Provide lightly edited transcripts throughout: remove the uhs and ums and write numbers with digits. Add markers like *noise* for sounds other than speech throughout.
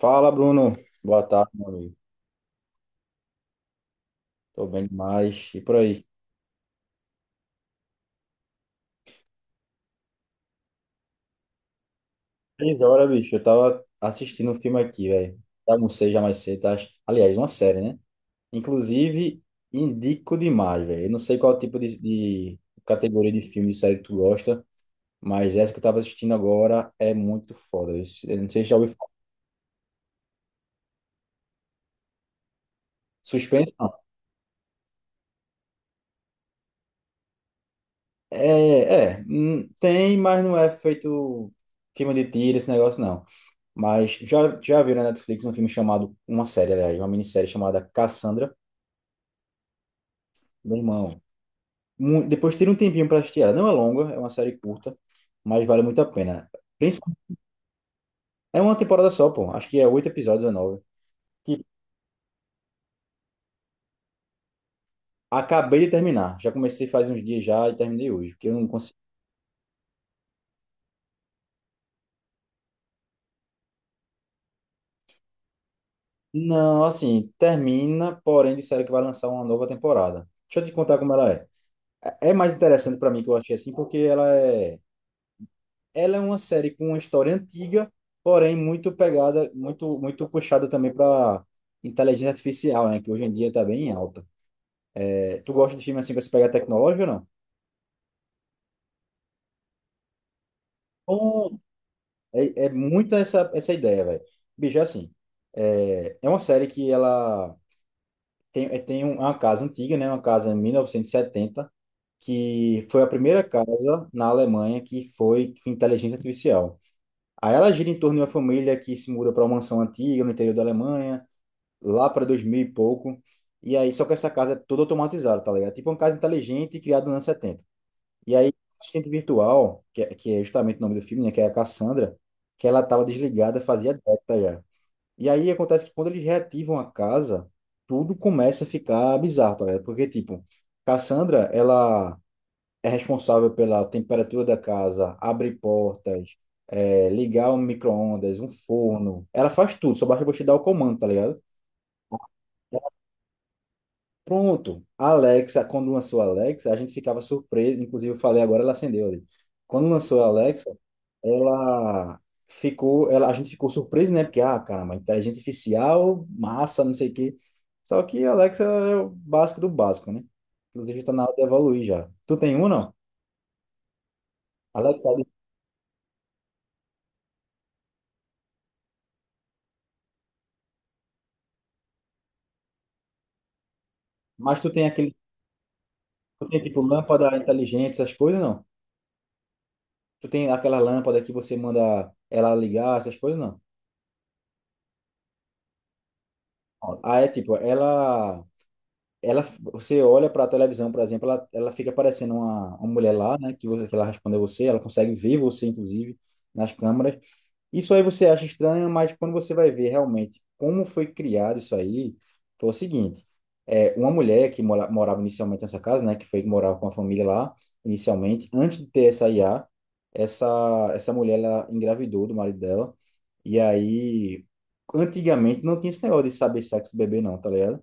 Fala, Bruno. Boa tarde, meu amigo. Tô bem demais. E por aí? Três horas, bicho. Eu tava assistindo um filme aqui, velho. Almocei já mais cedo. Tá? Aliás, uma série, né? Inclusive, indico demais, velho. Eu não sei qual tipo de categoria de filme, de série que tu gosta, mas essa que eu tava assistindo agora é muito foda. Eu não sei se já ouviu falar. Suspense? Não. Tem, mas não é feito filme de tiro, esse negócio, não. Mas já viu na Netflix um filme chamado, uma série, aliás, uma minissérie chamada Cassandra, meu irmão. Depois tira um tempinho para assistir ela. Não é longa, é uma série curta, mas vale muito a pena. Principalmente, é uma temporada só, pô. Acho que é oito episódios ou nove. Que acabei de terminar. Já comecei faz uns dias já e terminei hoje, porque eu não consigo. Não, assim, termina, porém disseram que vai lançar uma nova temporada. Deixa eu te contar como ela é. É mais interessante para mim que eu achei assim, porque ela é uma série com uma história antiga, porém muito pegada, muito puxada também para inteligência artificial, né? Que hoje em dia está bem em alta. É, tu gosta de filme assim que você pega tecnológico ou não? Bom, é muito essa, essa ideia, velho. Bicho, é assim, é uma série que ela tem, é, tem um- é uma casa antiga, né? Uma casa em 1970, que foi a primeira casa na Alemanha que foi com inteligência artificial. Aí ela gira em torno de uma família que se muda para uma mansão antiga no interior da Alemanha, lá para 2000 e pouco. E aí, só que essa casa é toda automatizada, tá ligado? Tipo uma casa inteligente criada nos anos 70. E aí, a assistente virtual, que é justamente o nome do filme, né? Que é a Cassandra, que ela estava desligada fazia década já. E aí acontece que quando eles reativam a casa, tudo começa a ficar bizarro, tá ligado? Porque, tipo, Cassandra, ela é responsável pela temperatura da casa, abre portas, ligar um micro-ondas, um forno. Ela faz tudo, só basta você dar o comando, tá ligado? Pronto, a Alexa, quando lançou a Alexa, a gente ficava surpreso, inclusive eu falei agora, ela acendeu ali. Quando lançou a Alexa, ela a gente ficou surpreso, né? Porque, ah, caramba, inteligência artificial, massa, não sei o quê. Só que a Alexa é o básico do básico, né? Inclusive está na hora de evoluir já. Tu tem um, não? Alexa, mas tu tem tipo lâmpada inteligente, essas coisas, não? Tu tem aquela lâmpada que você manda ela ligar, essas coisas, não? Ah, é tipo, ela, você olha para a televisão, por exemplo, ela fica parecendo uma mulher lá, né? Que ela responde a você, ela consegue ver você, inclusive, nas câmeras. Isso aí você acha estranho, mas quando você vai ver realmente como foi criado isso aí, foi o seguinte: uma mulher que morava inicialmente nessa casa, né? Que foi que morava com a família lá, inicialmente, antes de ter essa IA, essa, essa mulher ela engravidou do marido dela, e aí. Antigamente não tinha esse negócio de saber sexo do bebê, não, tá ligado?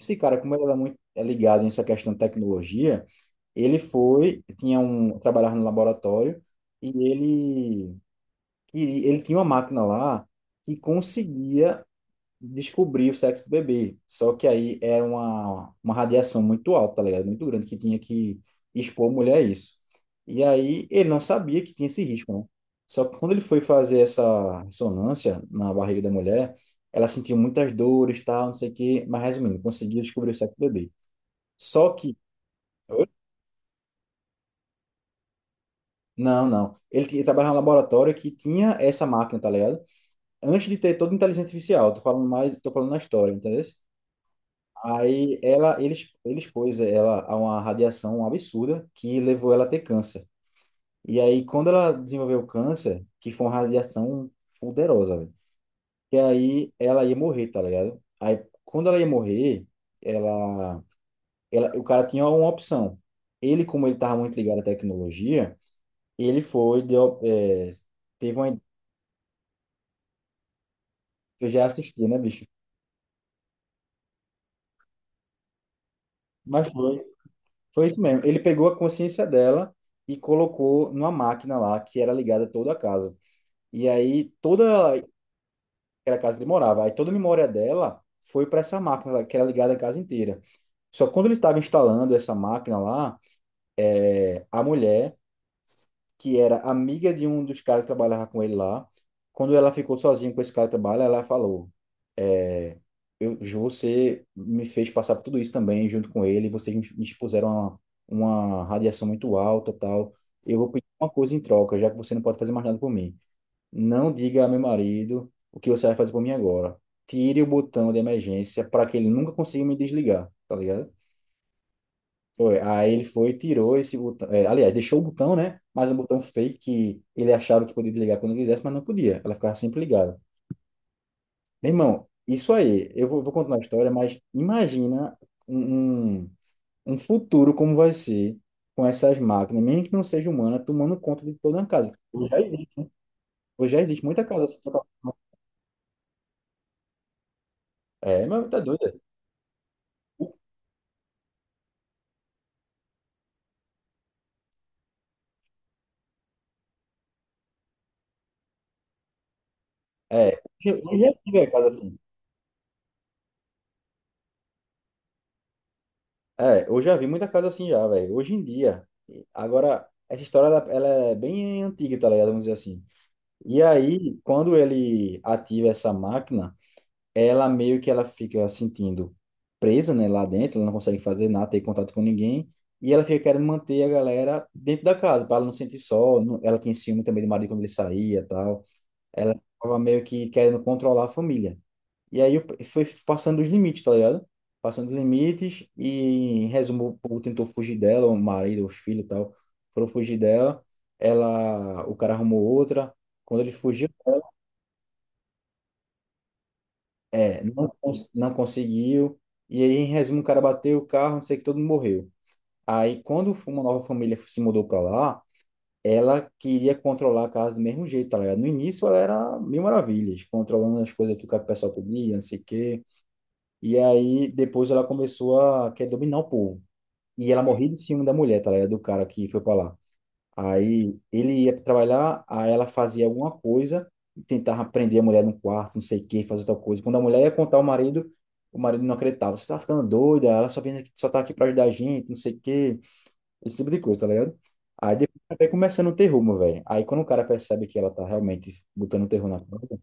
Esse cara, como ele era muito ligado nessa questão de tecnologia, ele foi, tinha um, trabalhava no laboratório e ele, e ele tinha uma máquina lá que conseguia descobrir o sexo do bebê. Só que aí era uma radiação muito alta, tá ligado? Muito grande, que tinha que expor a mulher a isso. E aí ele não sabia que tinha esse risco, né? Só que quando ele foi fazer essa ressonância na barriga da mulher, ela sentiu muitas dores, tal, não sei o quê. Mas resumindo, conseguiu descobrir o sexo do bebê. Só que. Oi? Não, não. Ele trabalhava em um laboratório que tinha essa máquina, tá ligado? Antes de ter toda a inteligência artificial, tô falando na história, entendeu? Aí ela, ele, ex- ele expôs ela a uma radiação absurda que levou ela a ter câncer. E aí, quando ela desenvolveu câncer, que foi uma radiação poderosa, velho, que aí ela ia morrer, tá ligado? Aí, quando ela ia morrer, ela, o cara tinha uma opção. Ele, como ele estava muito ligado à tecnologia, ele foi, deu, é, teve uma. Eu já assisti, né, bicho? Mas foi, foi isso mesmo. Ele pegou a consciência dela e colocou numa máquina lá que era ligada a toda a casa. E aí toda era a casa que ele morava, aí toda a memória dela foi para essa máquina lá, que era ligada a casa inteira. Só que quando ele estava instalando essa máquina lá, a mulher, que era amiga de um dos caras que trabalhava com ele lá, quando ela ficou sozinha com esse cara que trabalha, ela falou: é, Ju, você me fez passar por tudo isso também, junto com ele. Vocês me expuseram a uma radiação muito alta, tal. Eu vou pedir uma coisa em troca, já que você não pode fazer mais nada por mim. Não diga a meu marido o que você vai fazer por mim agora. Tire o botão de emergência para que ele nunca consiga me desligar, tá ligado? Foi. Aí ele foi e tirou esse botão. Aliás, deixou o botão, né? Mas um botão fake que ele achava que podia desligar quando quisesse, mas não podia. Ela ficava sempre ligada. Meu irmão, isso aí, vou contar a história, mas imagina um, um, um futuro como vai ser com essas máquinas, mesmo que não seja humana, tomando conta de toda a casa. Hoje já existe muita casa assim. É, mas tá doido. É, hoje eu já vi a casa assim. É, eu já vi muita casa assim já, velho. Hoje em dia. Agora, essa história, ela é bem antiga, tá ligado? Vamos dizer assim. E aí, quando ele ativa essa máquina, ela meio que ela fica sentindo presa, né, lá dentro. Ela não consegue fazer nada, ter contato com ninguém. E ela fica querendo manter a galera dentro da casa, para ela não sentir só. Ela tinha ciúme também do marido quando ele saía e tal. Ela tava meio que querendo controlar a família. Foi passando os limites, tá ligado? Passando os limites e, em resumo, o povo tentou fugir dela, o marido, os filhos e tal, foram fugir dela. Ela, o cara arrumou outra. Quando ele fugiu, não, não conseguiu. E aí, em resumo, o cara bateu o carro, não sei o que, todo mundo morreu. Aí, quando uma nova família se mudou pra lá, ela queria controlar a casa do mesmo jeito, tá ligado? No início, ela era mil maravilhas, controlando as coisas que o pessoal pedia, não sei o quê. E aí depois ela começou a querer dominar o povo. E ela morria de ciúme da mulher, tá ligado? Do cara que foi pra lá. Aí ele ia trabalhar, aí ela fazia alguma coisa, tentava prender a mulher num quarto, não sei o quê, fazer tal coisa. Quando a mulher ia contar ao marido, o marido não acreditava. Você tá ficando doida, ela só vem aqui, só tá aqui pra ajudar a gente, não sei o quê. Esse tipo de coisa, tá ligado? Aí depois vai começando o terror, meu velho. Aí quando o cara percebe que ela tá realmente botando o terror na conta,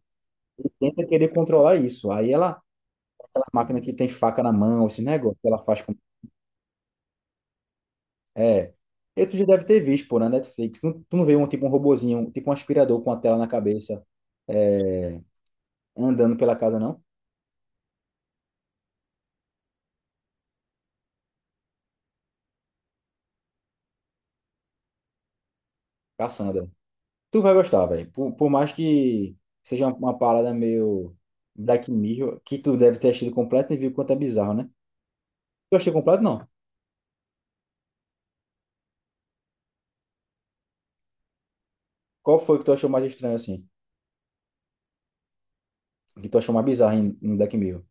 ele tenta querer controlar isso. Aí ela aquela máquina que tem faca na mão, esse negócio que ela faz com. É. E tu já deve ter visto, pô, na Netflix. Tu não vê um tipo um robozinho, tipo um aspirador com a tela na cabeça, é, andando pela casa, não? Cassandra. Tu vai gostar, velho. Por mais que seja uma parada meio Black Mirror, que tu deve ter achado completo e viu quanto é bizarro, né? Tu achou completo, não? Qual foi que tu achou mais estranho, assim? Que tu achou mais bizarro em Black Mirror?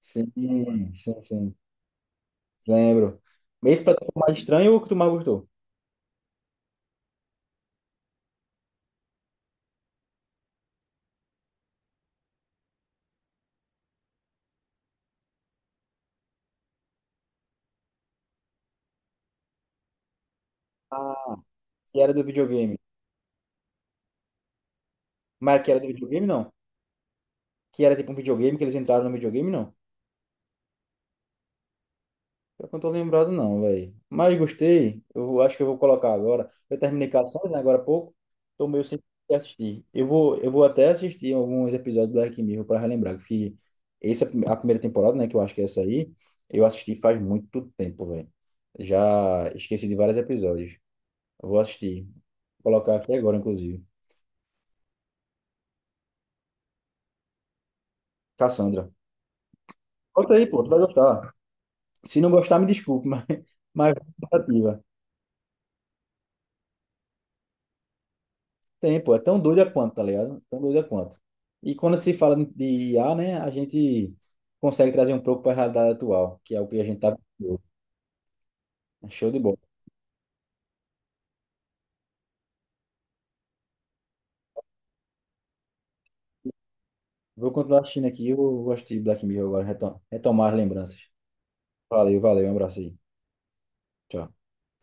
Sim, sim, sim. Lembro. Esse pra tu foi mais estranho ou o que tu mais gostou? Que era do videogame. Mas que era do videogame, não. Que era tipo um videogame, que eles entraram no videogame, não. Pior que eu não tô lembrado, não, velho. Mas gostei. Acho que eu vou colocar agora. Eu terminei Cassandra, né, agora há pouco. Tô meio sem assistir. Eu vou até assistir alguns episódios do Black Mirror para relembrar. Que essa, é a prime- a primeira temporada, né, que eu acho que é essa aí, eu assisti faz muito tempo, velho. Já esqueci de vários episódios. Eu vou assistir. Vou colocar aqui agora, inclusive. Cassandra. Volta aí, pô. Tu vai gostar. Se não gostar, me desculpe, *laughs* mas tentativa. Tem, pô, é tão doida quanto, tá ligado? Tão doida quanto. E quando se fala de IA, né, a gente consegue trazer um pouco para a realidade atual, que é o que a gente tá vivendo. É show de bola. Vou continuar assistindo aqui, eu gostei de Black Mirror agora, retomar as lembranças. Valeu, valeu, um abraço aí. Tchau.